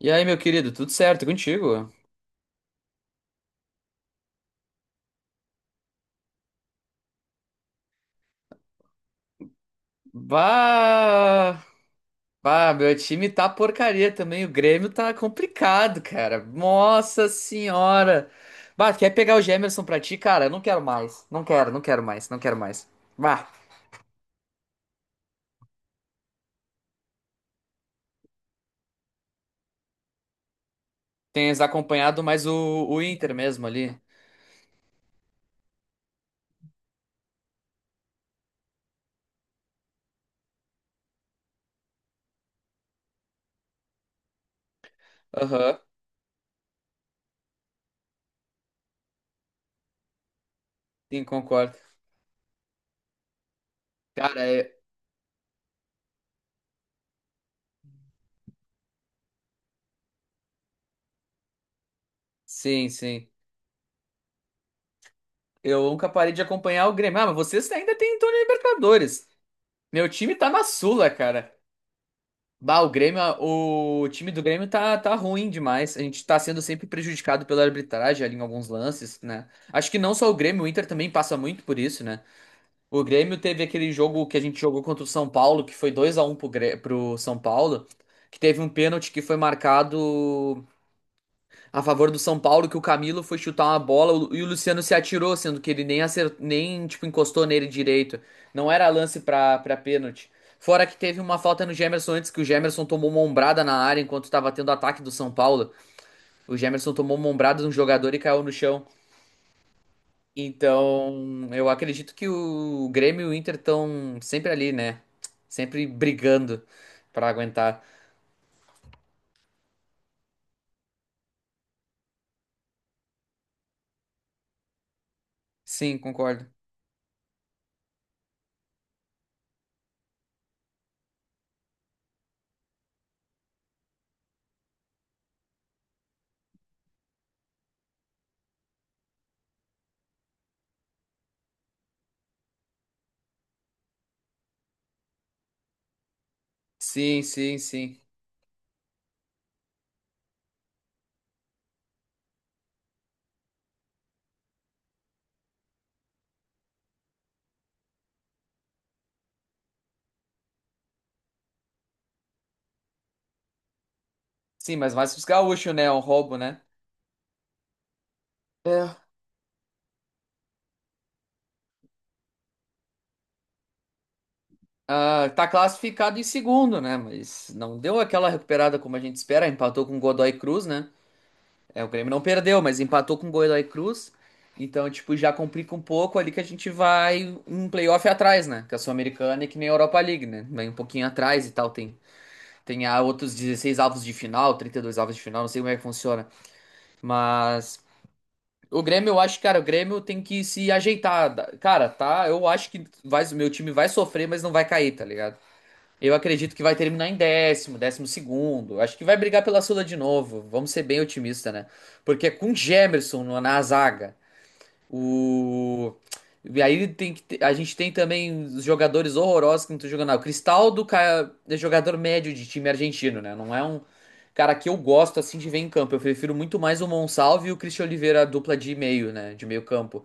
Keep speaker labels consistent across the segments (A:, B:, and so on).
A: E aí, meu querido, tudo certo contigo? Bah! Bah, meu time tá porcaria também. O Grêmio tá complicado, cara. Nossa senhora! Bah, quer pegar o Gemerson pra ti, cara? Eu não quero mais. Não quero, não quero mais, não quero mais. Bah, tens acompanhado mais o Inter mesmo ali. Aham, sim, concordo. Cara, é... sim, sim. Eu nunca parei de acompanhar o Grêmio. Ah, mas vocês ainda têm em torno da Libertadores. Meu time tá na Sula, cara. Bah, o Grêmio, o time do Grêmio tá ruim demais. A gente tá sendo sempre prejudicado pela arbitragem ali em alguns lances, né? Acho que não só o Grêmio, o Inter também passa muito por isso, né? O Grêmio teve aquele jogo que a gente jogou contra o São Paulo, que foi 2 a um pro, pro São Paulo, que teve um pênalti que foi marcado a favor do São Paulo que o Camilo foi chutar uma bola e o Luciano se atirou, sendo que ele nem nem tipo encostou nele direito. Não era lance pra para pênalti. Fora que teve uma falta no Gemerson antes que o Gemerson tomou uma ombrada na área enquanto estava tendo ataque do São Paulo. O Gemerson tomou uma ombrada de um jogador e caiu no chão. Então, eu acredito que o Grêmio e o Inter estão sempre ali, né? Sempre brigando pra aguentar. Sim, concordo. Sim, sim, sim. Sim, mas mais pros gaúchos, né? É um roubo, né? É, ah, tá classificado em segundo, né? Mas não deu aquela recuperada como a gente espera. Empatou com o Godoy Cruz, né? É, o Grêmio não perdeu, mas empatou com o Godoy Cruz. Então, tipo, já complica um pouco ali que a gente vai um playoff atrás, né? Que a Sul-Americana é que nem a Europa League, né? Vem um pouquinho atrás e tal. Tem outros 16 avos de final, 32 avos de final, não sei como é que funciona. Mas o Grêmio, eu acho, cara, o Grêmio tem que se ajeitar. Cara, tá? Eu acho que vai, o meu time vai sofrer, mas não vai cair, tá ligado? Eu acredito que vai terminar em décimo, décimo segundo. Acho que vai brigar pela Sula de novo. Vamos ser bem otimistas, né? Porque é com Gemerson na zaga, o. E aí tem que a gente tem também os jogadores horrorosos que não estão jogando nada. O Cristaldo é jogador médio de time argentino, né? Não é um cara que eu gosto assim de ver em campo. Eu prefiro muito mais o Monsalve e o Christian Oliveira, a dupla de meio, né? De meio campo.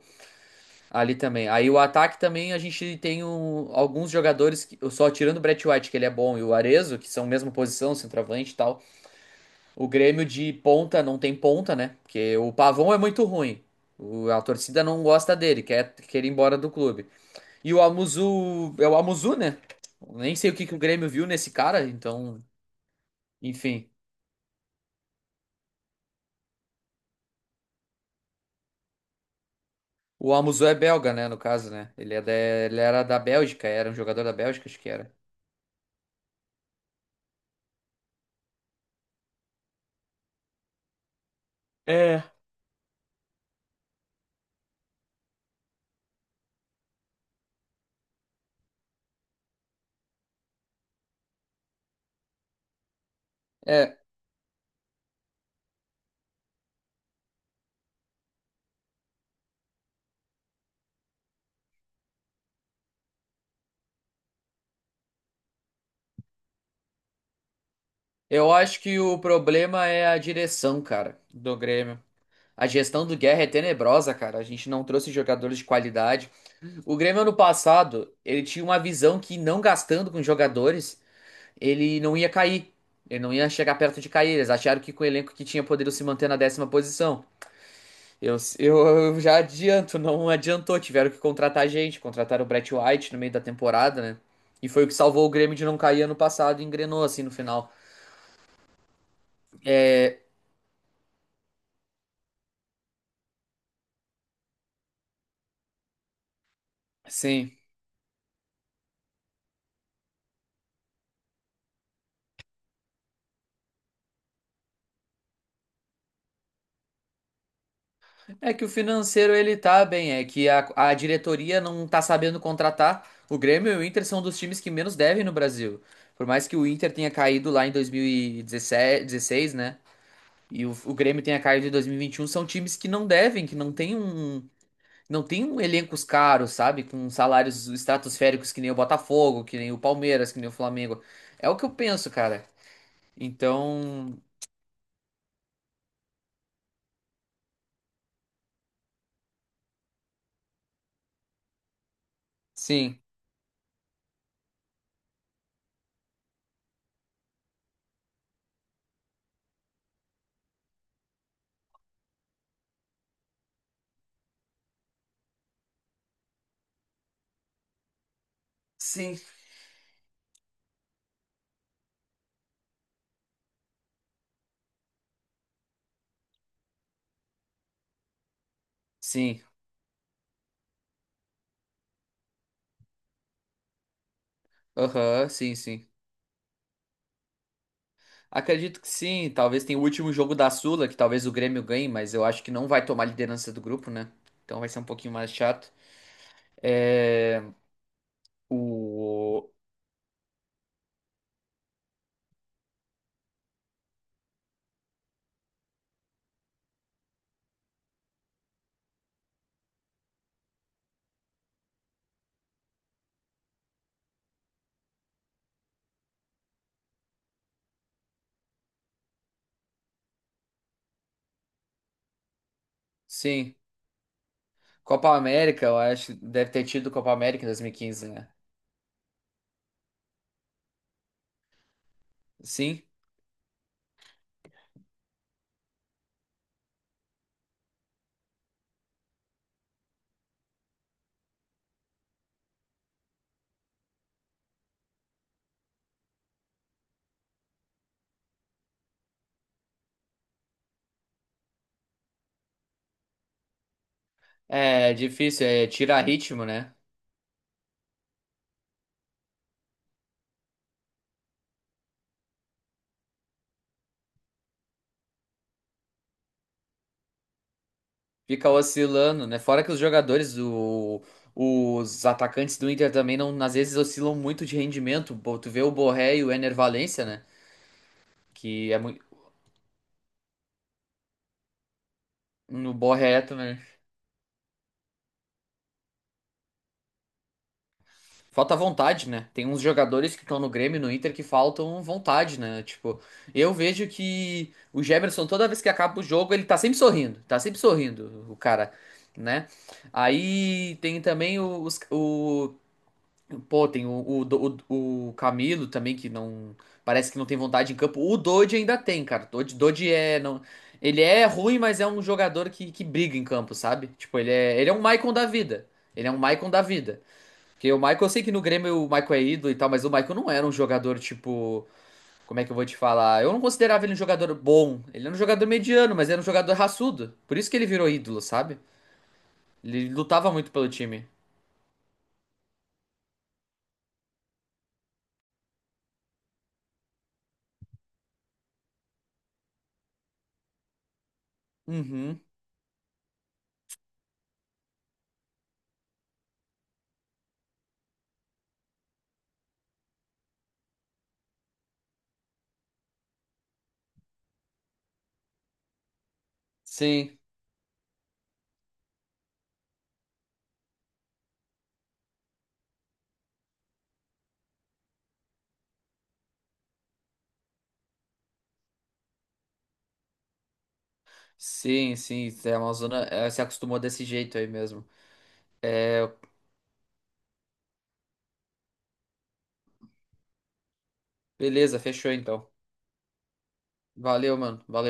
A: Ali também. Aí o ataque também a gente tem alguns jogadores, que, só tirando o Brett White, que ele é bom, e o Arezzo, que são mesma posição, centroavante e tal. O Grêmio de ponta não tem ponta, né? Porque o Pavão é muito ruim. O- a torcida não gosta dele, quer, quer ir embora do clube. E o Amuzu. É o Amuzu, né? Nem sei o que, que o Grêmio viu nesse cara, então. Enfim. O Amuzu é belga, né? No caso, né? Ele, é ele era da Bélgica, era um jogador da Bélgica, acho que era. É, eu acho que o problema é a direção, cara, do Grêmio. A gestão do Guerra é tenebrosa, cara. A gente não trouxe jogadores de qualidade. O Grêmio ano passado, ele tinha uma visão que não gastando com jogadores, ele não ia cair. Ele não ia chegar perto de cair. Eles acharam que com o elenco que tinha poderiam se manter na décima posição. Eu, eu, eu já adianto, não adiantou. Tiveram que contratar gente, contrataram o Brett White no meio da temporada, né? E foi o que salvou o Grêmio de não cair ano passado e engrenou assim no final. É, sim. É que o financeiro ele tá bem, é que a diretoria não tá sabendo contratar. O Grêmio e o Inter são dos times que menos devem no Brasil. Por mais que o Inter tenha caído lá em 2017, 2016, né? E o Grêmio tenha caído em dois mil e vinte e um, são times que não devem, que não tem um, não tem um elencos caros, sabe? Com salários estratosféricos que nem o Botafogo, que nem o Palmeiras, que nem o Flamengo. É o que eu penso, cara. Então, sim, sim. Sim. Aham, sim, sim. Acredito que sim. Talvez tenha o último jogo da Sula, que talvez o Grêmio ganhe, mas eu acho que não vai tomar liderança do grupo, né? Então vai ser um pouquinho mais chato. É... O... Sim. Copa América, eu acho. Deve ter tido Copa América em 2015, né? Sim. É difícil, é tirar ritmo, né? Fica oscilando, né? Fora que os jogadores, o... os atacantes do Inter também, não, às vezes, oscilam muito de rendimento. Pô, tu vê o Borré e o Ener Valencia, né? Que é muito. No Borré também. Falta vontade, né? Tem uns jogadores que estão no Grêmio, e no Inter, que faltam vontade, né? Tipo, eu vejo que o Gemerson, toda vez que acaba o jogo, ele tá sempre sorrindo, o cara, né? Aí tem também os, o, pô, tem o, o Camilo também, que não, parece que não tem vontade em campo. O Dodge ainda tem, cara. Dodge, Dodge é, não, ele é ruim, mas é um jogador que briga em campo, sabe? Tipo, ele é um Maicon da vida. Ele é um Maicon da vida. Porque o Michael, eu sei que no Grêmio o Michael é ídolo e tal, mas o Michael não era um jogador tipo. Como é que eu vou te falar? Eu não considerava ele um jogador bom. Ele era um jogador mediano, mas era um jogador raçudo. Por isso que ele virou ídolo, sabe? Ele lutava muito pelo time. Uhum. Sim. Sim, sim. A Amazônia se acostumou desse jeito aí mesmo. É, beleza, fechou então. Valeu, mano. Valeu.